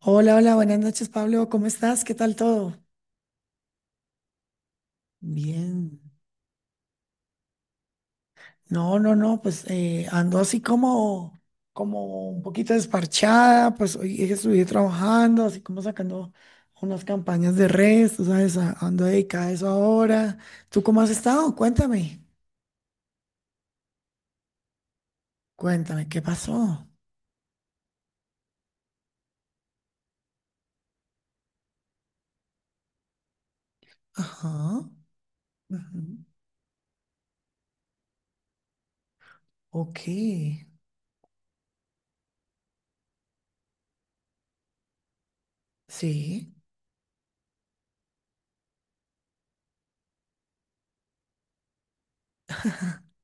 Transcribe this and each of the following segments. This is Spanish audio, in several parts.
Hola, hola, buenas noches, Pablo. ¿Cómo estás? ¿Qué tal todo? Bien. No, no, no, ando así como, como un poquito desparchada. Pues hoy estuve trabajando, así como sacando unas campañas de redes, tú sabes, ando dedicada a eso ahora. ¿Tú cómo has estado? Cuéntame, cuéntame, ¿qué pasó? Ajá, ujú, ok, sí,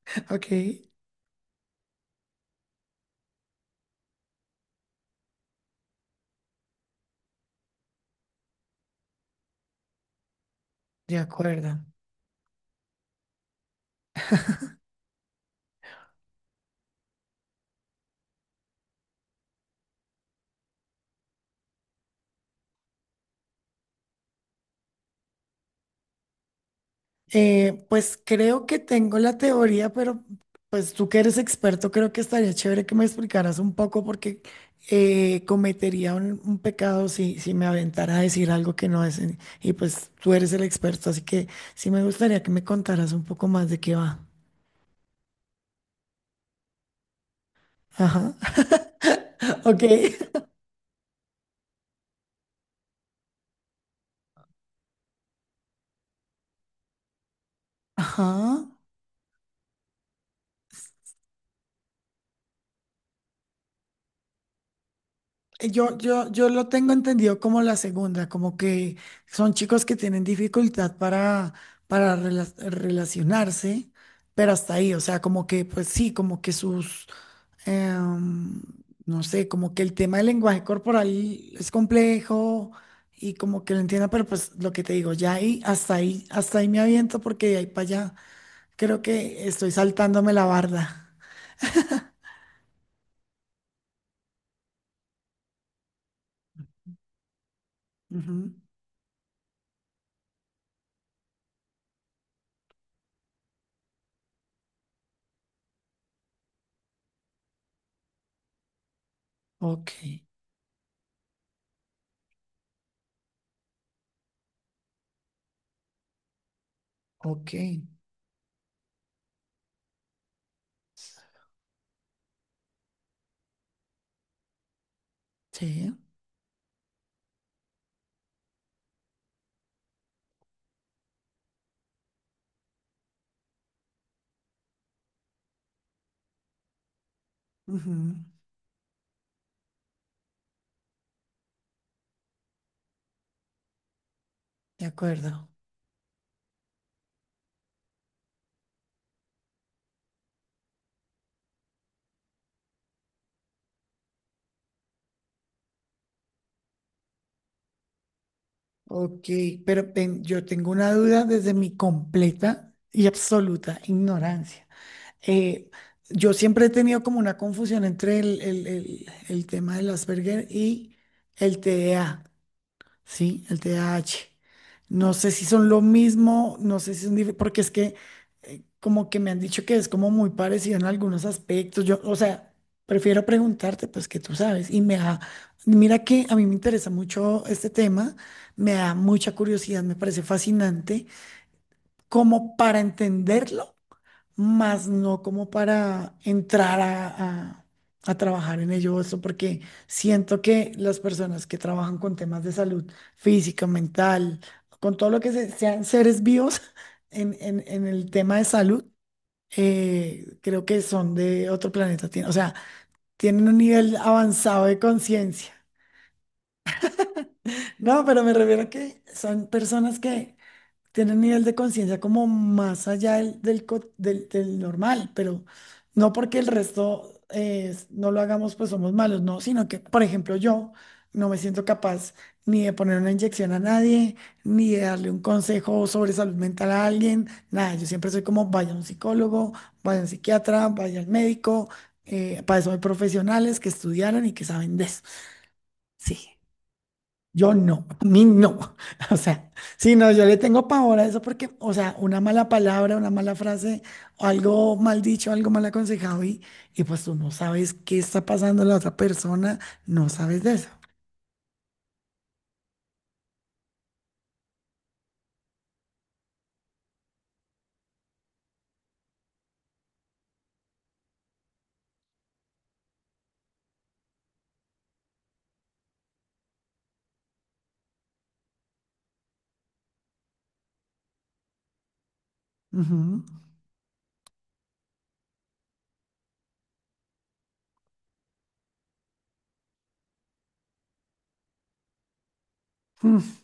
ok, de acuerdo. Pues creo que tengo la teoría, pero pues tú que eres experto, creo que estaría chévere que me explicaras un poco porque cometería un pecado si me aventara a decir algo que no es. Y pues tú eres el experto, así que sí me gustaría que me contaras un poco más de qué va. Ajá. Ok. Ajá. Yo lo tengo entendido como la segunda, como que son chicos que tienen dificultad para, relacionarse, pero hasta ahí, o sea, como que, pues sí, como que sus, em, no sé, como que el tema del lenguaje corporal es complejo y como que lo entiendo, pero pues lo que te digo, ya ahí, hasta ahí, hasta ahí me aviento porque de ahí para allá creo que estoy saltándome la barda. Ujú. Ok, ok, sí, ujú. De acuerdo. Ok, pero yo tengo una duda desde mi completa y absoluta ignorancia. Eh, yo siempre he tenido como una confusión entre el tema del Asperger y el TDA. Sí, el TH. No sé si son lo mismo, no sé si son diferentes, porque es que como que me han dicho que es como muy parecido en algunos aspectos. Yo, o sea, prefiero preguntarte, pues que tú sabes. Mira que a mí me interesa mucho este tema, me da mucha curiosidad, me parece fascinante, como para entenderlo, más no como para entrar a trabajar en ello, eso porque siento que las personas que trabajan con temas de salud física, mental, con todo lo que sean seres vivos en, en el tema de salud, creo que son de otro planeta, o sea, tienen un nivel avanzado de conciencia. No, pero me refiero a que son personas que tiene un nivel de conciencia como más allá del normal, pero no porque el resto no lo hagamos, pues somos malos, no, sino que, por ejemplo, yo no me siento capaz ni de poner una inyección a nadie, ni de darle un consejo sobre salud mental a alguien, nada, yo siempre soy como, vaya a un psicólogo, vaya a un psiquiatra, vaya al médico, para eso hay profesionales que estudiaron y que saben de eso, sí. Yo no, a mí no. O sea, sí, no, yo le tengo pavor a eso porque, o sea, una mala palabra, una mala frase, o algo mal dicho, algo mal aconsejado, y pues tú no sabes qué está pasando la otra persona, no sabes de eso. Ujú, mm,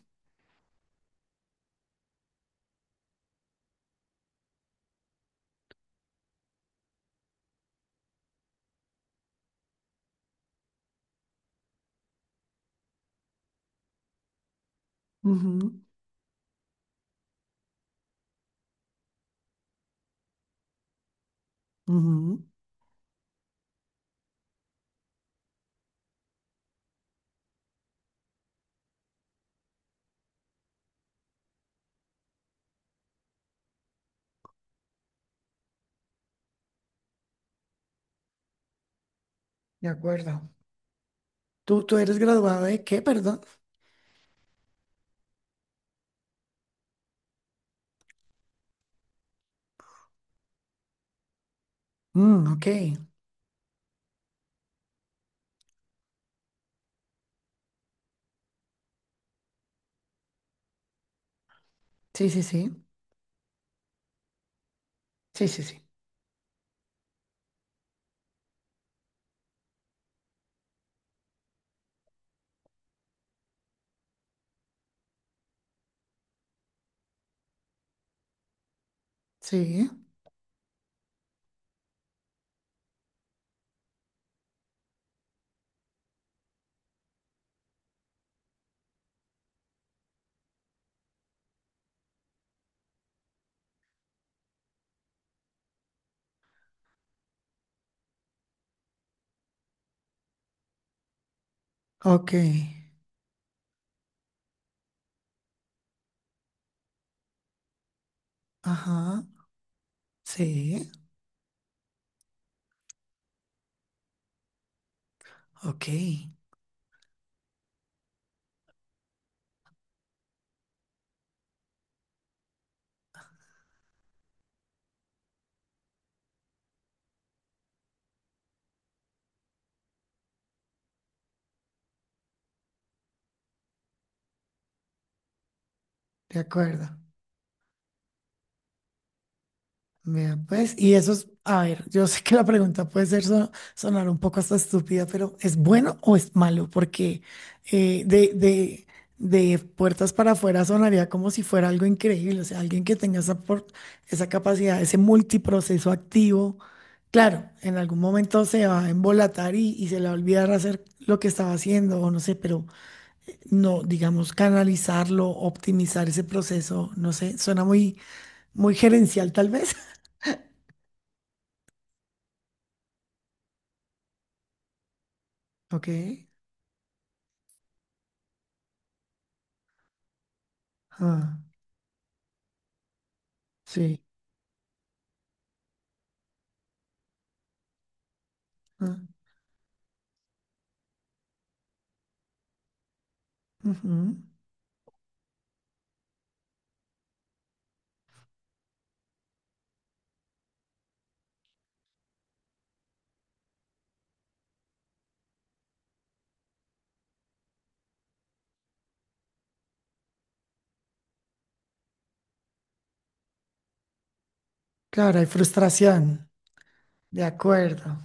ujú, ujú, de acuerdo. ¿Tú, tú eres graduado de qué, perdón? Mm, ok. Sí, sí, sí. Sí, sí, sí. Sí. Ok. Ajá. Sí. Ok. De acuerdo. Vea, pues, y eso es, a ver, yo sé que la pregunta puede sonar un poco hasta estúpida, pero ¿es bueno o es malo? Porque eh, de, de, de puertas para afuera sonaría como si fuera algo increíble, o sea, alguien que tenga esa, esa capacidad, ese multiproceso activo. Claro, en algún momento se va a embolatar y se le va a olvidar hacer lo que estaba haciendo, o no sé, pero no, digamos, canalizarlo, optimizar ese proceso, no sé, suena muy, muy gerencial tal vez. Ok. Ah, sí, ah, ujú. Claro, hay frustración. De acuerdo.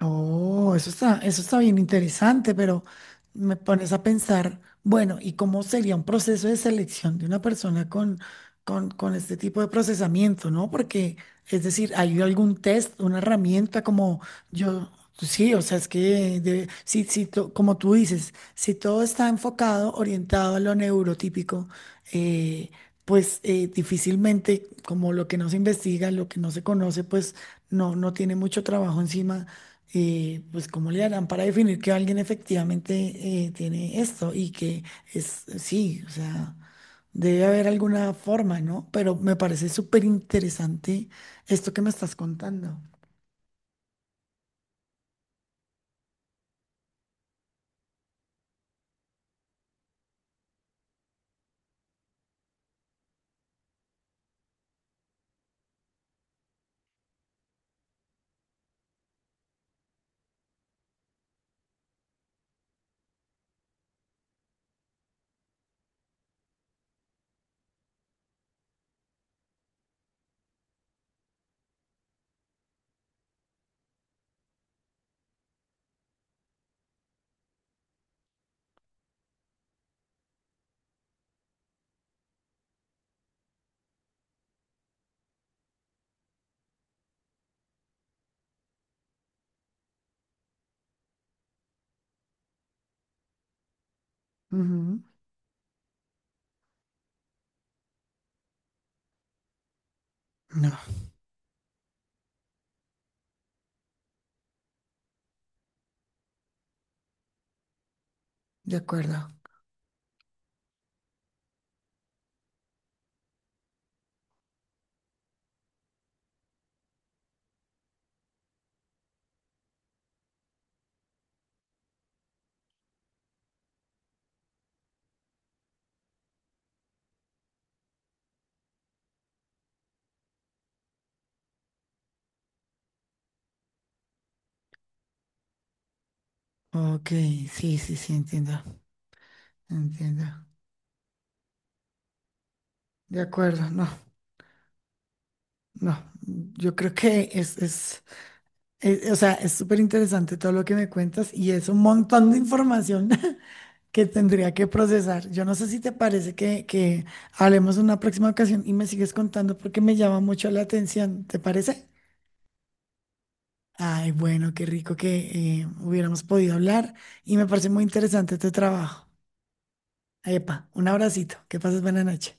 Oh, eso está bien interesante, pero me pones a pensar, bueno, ¿y cómo sería un proceso de selección de una persona con este tipo de procesamiento, ¿no? Porque, es decir, ¿hay algún test, una herramienta como yo? Sí, o sea, es que si, como tú dices, si todo está enfocado, orientado a lo neurotípico, eh, pues difícilmente, como lo que no se investiga, lo que no se conoce, pues no, no tiene mucho trabajo encima. Pues cómo le harán para definir que alguien efectivamente tiene esto y que es, sí, o sea, debe haber alguna forma, ¿no? Pero me parece súper interesante esto que me estás contando. Ujú. No, de acuerdo. Ok, sí, sí, sí, entiendo, entiendo. De acuerdo, no, no. Yo creo que es, o sea, es súper interesante todo lo que me cuentas y es un montón de información. Que tendría que procesar. Yo no sé si te parece que hablemos en una próxima ocasión y me sigues contando porque me llama mucho la atención. ¿Te parece? Ay, bueno, qué rico que hubiéramos podido hablar y me parece muy interesante tu trabajo. Epa, un abracito. Que pases buena noche.